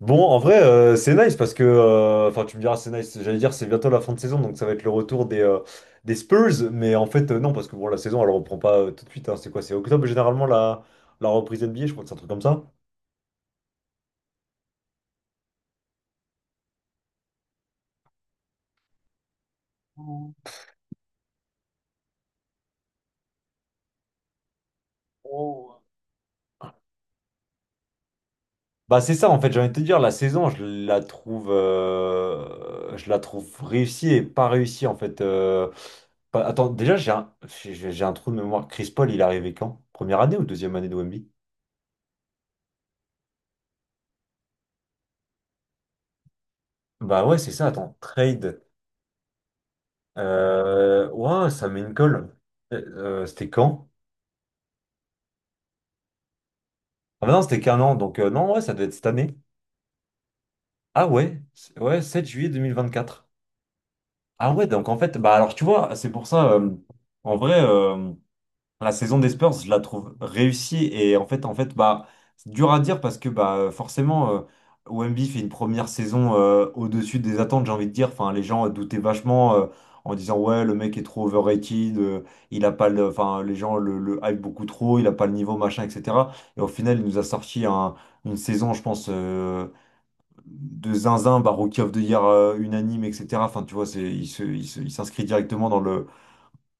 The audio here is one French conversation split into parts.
Bon, en vrai, c'est nice parce que, enfin, tu me diras, c'est nice. J'allais dire, c'est bientôt la fin de saison, donc ça va être le retour des Spurs. Mais en fait, non, parce que bon, la saison, elle reprend pas tout de suite. Hein. C'est quoi? C'est octobre généralement la reprise NBA, je crois que c'est un truc comme ça. Bah, c'est ça, en fait, j'ai envie de te dire, la saison, je la trouve réussie et pas réussie, en fait. Bah, attends, déjà, j'ai un trou de mémoire. Chris Paul, il est arrivé quand? Première année ou deuxième année de Wemby? Bah ouais, c'est ça, attends. Trade. Ouah, ça met une colle. C'était quand? Ah bah non, c'était qu'un an, donc non, ouais, ça devait être cette année. Ah ouais, ouais, 7 juillet 2024. Ah ouais, donc en fait, bah alors tu vois, c'est pour ça, en vrai. La saison des Spurs, je la trouve réussie et en fait, bah, c'est dur à dire parce que bah, forcément, Wemby fait une première saison au-dessus des attentes, j'ai envie de dire. Enfin, les gens doutaient vachement en disant ouais, le mec est trop overrated, il a pas le, enfin, les gens le hype beaucoup trop, il a pas le niveau, machin, etc. Et au final, il nous a sorti une saison, je pense, de zinzin, bah, Rookie of the Year unanime, etc. Enfin, tu vois, c'est, il se, il se- il s'inscrit directement dans le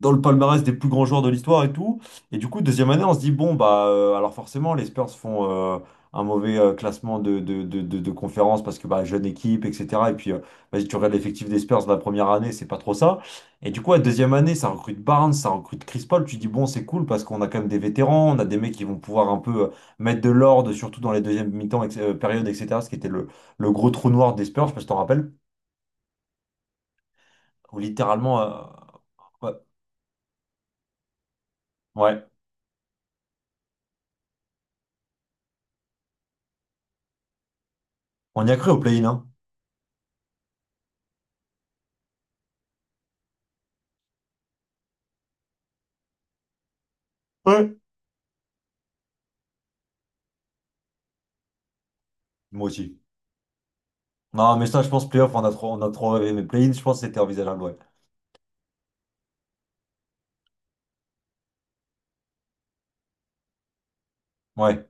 dans le palmarès des plus grands joueurs de l'histoire et tout. Et du coup, deuxième année, on se dit, bon, bah, alors forcément, les Spurs font un mauvais classement de conférence parce que, bah, jeune équipe, etc. Et puis, vas-y, tu regardes l'effectif des Spurs de la première année, c'est pas trop ça. Et du coup, la deuxième année, ça recrute Barnes, ça recrute Chris Paul. Tu dis, bon, c'est cool parce qu'on a quand même des vétérans, on a des mecs qui vont pouvoir un peu mettre de l'ordre, surtout dans les deuxièmes mi-temps, périodes, etc. Ce qui était le gros trou noir des Spurs, je sais pas si t'en rappelles, où littéralement, ouais, ouais, on y a cru au play-in, hein. Ouais. Moi aussi. Non, mais ça, je pense, playoff, on a trop rêvé. Mais play-in, je pense que c'était envisageable, ouais. Ouais.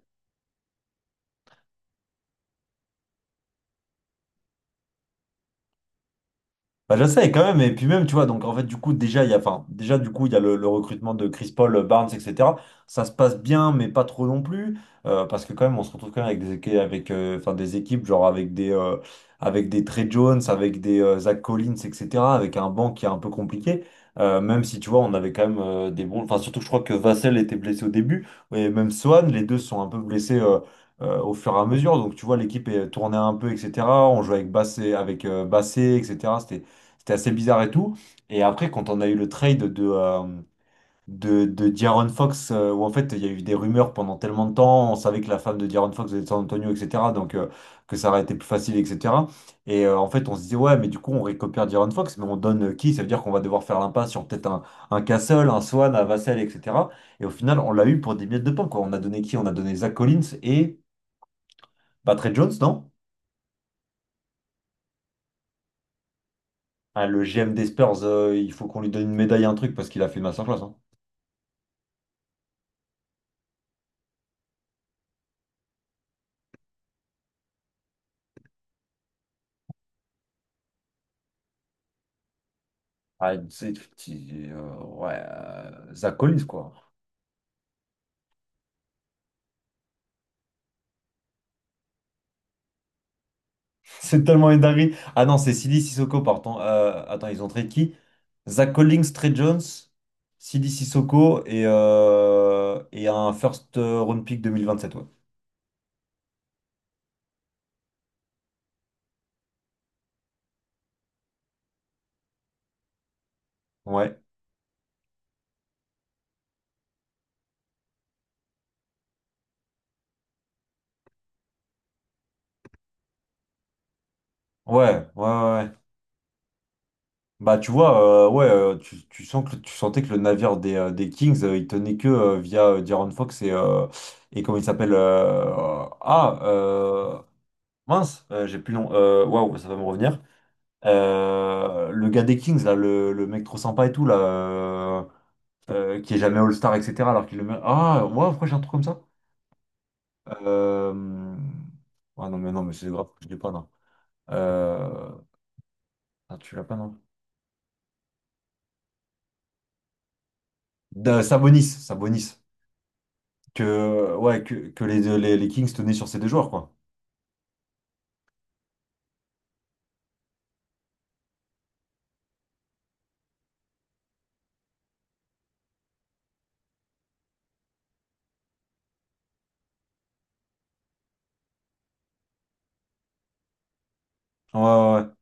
Bah, je sais quand même, et puis même, tu vois, donc en fait, du coup, déjà, enfin, déjà, du coup, il y a le recrutement de Chris Paul, Barnes, etc. Ça se passe bien, mais pas trop non plus, parce que quand même, on se retrouve quand même avec avec, enfin, des équipes, genre avec des, Trey Jones, avec des Zach Collins, etc., avec un banc qui est un peu compliqué, même si, tu vois, on avait quand même des bons, enfin, surtout, je crois que Vassell était blessé au début, et même Swan, les deux sont un peu blessés, au fur et à mesure. Donc tu vois, l'équipe est tournée un peu, etc. On jouait avec Bassé, etc. C'était assez bizarre et tout. Et après, quand on a eu le trade de De'Aaron Fox, où en fait, il y a eu des rumeurs pendant tellement de temps, on savait que la femme de De'Aaron Fox était de San Antonio, etc., donc que ça aurait été plus facile, etc. Et en fait, on se disait, ouais, mais du coup, on récupère De'Aaron Fox, mais on donne qui? Ça veut dire qu'on va devoir faire l'impasse sur peut-être un Castle, un Swan, un Vassell, etc. Et au final, on l'a eu pour des miettes de pain, quoi. On a donné qui? On a donné Zach Collins et bah, Trey Jones, non? Ah, le GM des Spurs, il faut qu'on lui donne une médaille, un truc, parce qu'il a fait une masterclass, hein. Ah, c'est petit, ouais, Zach Collins, quoi. C'est tellement une dinguerie. Ah non, c'est Sidi Sissoko, pardon. Attends, ils ont trade qui? Zach Collins, Trey Jones, Sidi Sissoko et un first round pick 2027, ouais. Ouais, ouais, ouais, ouais. Ouais. Bah, tu vois, ouais, tu sentais que le navire des Kings, il tenait que via De'Aaron Fox et comment il s'appelle, Ah, mince, j'ai plus le nom. Waouh, ça va me revenir. Le gars des Kings, là, le mec trop sympa et tout, là, qui est jamais All-Star, etc. Alors qu'il le met. Ah, ouais, pourquoi j'ai un truc comme ça? Euh... Ah non, mais non, mais c'est grave, je l'ai pas, non. Euh... Ah, tu l'as pas, non? Sabonis, Sabonis. Que les Kings tenaient sur ces deux joueurs, quoi. Ouais, ouais, ouais.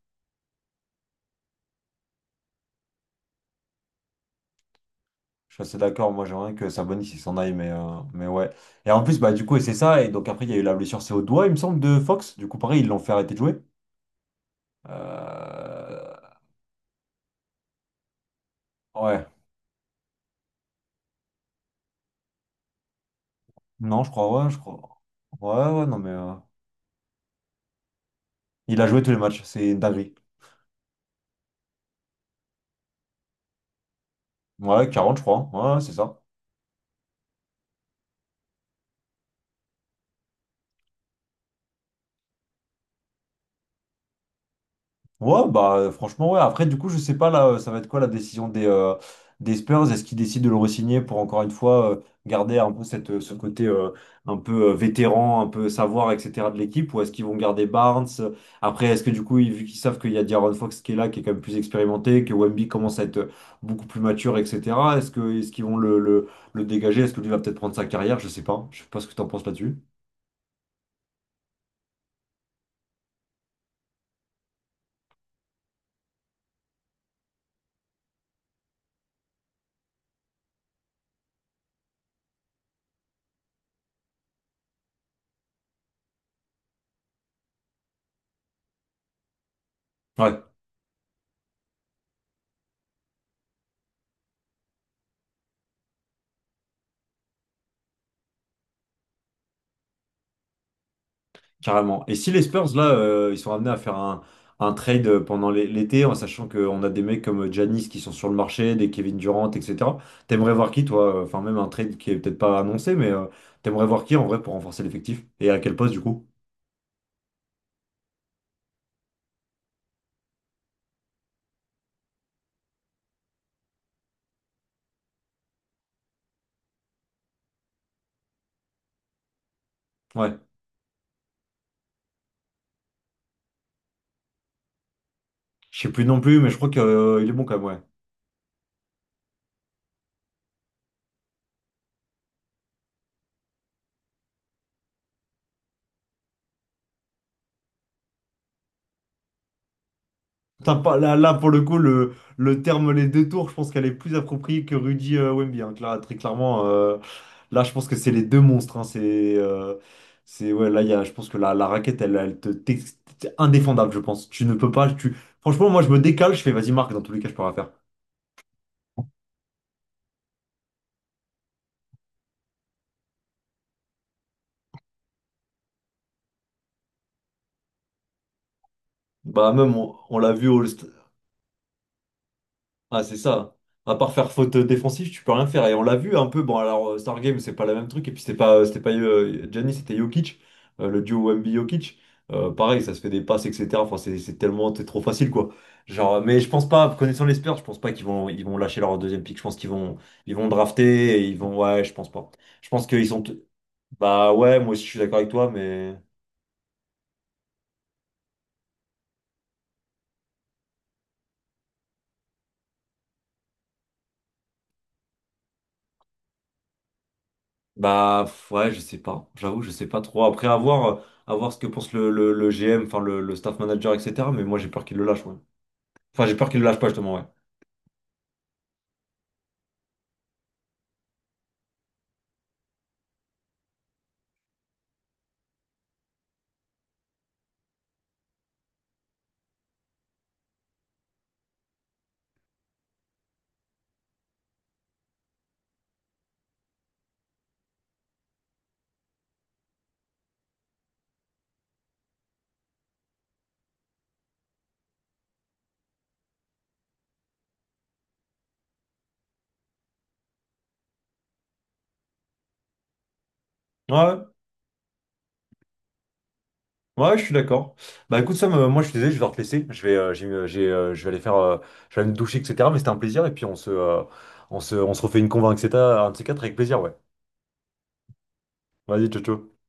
Je suis assez d'accord, moi j'aimerais que Sabonis il s'en aille, mais ouais. Et en plus, bah du coup, et c'est ça, et donc après il y a eu la blessure, c'est au doigt, il me semble, de Fox. Du coup, pareil, ils l'ont fait arrêter de jouer. Euh, Ouais, non, je crois. Ouais, ouais, non, mais il a joué tous les matchs, c'est une dinguerie. Ouais, 40, je crois, hein. Ouais, ouais, c'est ça. Ouais, bah franchement, ouais. Après, du coup, je sais pas là, ça va être quoi la décision des Spurs? Est-ce qu'ils décident de le re-signer pour encore une fois garder un peu ce côté un peu vétéran, un peu savoir, etc. de l'équipe? Ou est-ce qu'ils vont garder Barnes? Après, est-ce que du coup, vu qu'ils savent qu'il y a De'Aaron Fox qui est là, qui est quand même plus expérimenté, que Wemby commence à être beaucoup plus mature, etc. Est-ce qu'ils vont le dégager? Est-ce que lui va peut-être prendre sa carrière? Je sais pas. Je sais pas ce que tu en penses là-dessus. Ouais. Carrément. Et si les Spurs, là, ils sont amenés à faire un, trade pendant l'été, en sachant qu'on a des mecs comme Giannis qui sont sur le marché, des Kevin Durant, etc. T'aimerais voir qui, toi? Enfin, même un trade qui est peut-être pas annoncé, mais t'aimerais voir qui en vrai pour renforcer l'effectif? Et à quel poste, du coup? Ouais. Je sais plus non plus, mais je crois qu'il est bon quand même, ouais. T'as pas, là, là, pour le coup, le terme les deux tours, je pense qu'elle est plus appropriée que Rudy Wemby, hein, très clairement. Là, je pense que c'est les deux monstres. Hein. C'est ouais. Là, je pense que la raquette, elle t'es indéfendable, je pense. Tu ne peux pas. Franchement, moi, je me décale. Je fais, vas-y, marque. Dans tous les cas, je peux rien faire. Bah, même, on l'a vu au all. Ah, c'est ça. À part faire faute défensive, tu peux rien faire. Et on l'a vu un peu. Bon, alors, Stargame, c'est pas le même truc. Et puis, c'était pas Giannis, c'était Jokic, le duo Wemby-Jokic. Pareil, ça se fait des passes, etc. Enfin, c'est tellement, c'est trop facile, quoi. Genre, mais je pense pas, connaissant les Spurs, je pense pas qu'ils vont lâcher leur deuxième pick. Je pense qu'ils vont drafter et ils vont, ouais, je pense pas. Je pense qu'ils sont, bah ouais, moi aussi, je suis d'accord avec toi, mais. Bah pff, ouais, je sais pas. J'avoue, je sais pas trop. Après, à voir ce que pense le GM, enfin le staff manager, etc. Mais moi, j'ai peur qu'il le lâche, ouais. Enfin, j'ai peur qu'il le lâche pas, justement, ouais. Ouais, ouais, ouais, je suis d'accord. Bah écoute, Sam, moi, je suis désolé, je vais devoir te laisser. J'ai, je vais aller faire, je vais aller me doucher, etc. Mais c'était un plaisir. Et puis, on se refait une convo, etc. Un de ces quatre avec plaisir, ouais. Vas-y, ciao, ciao.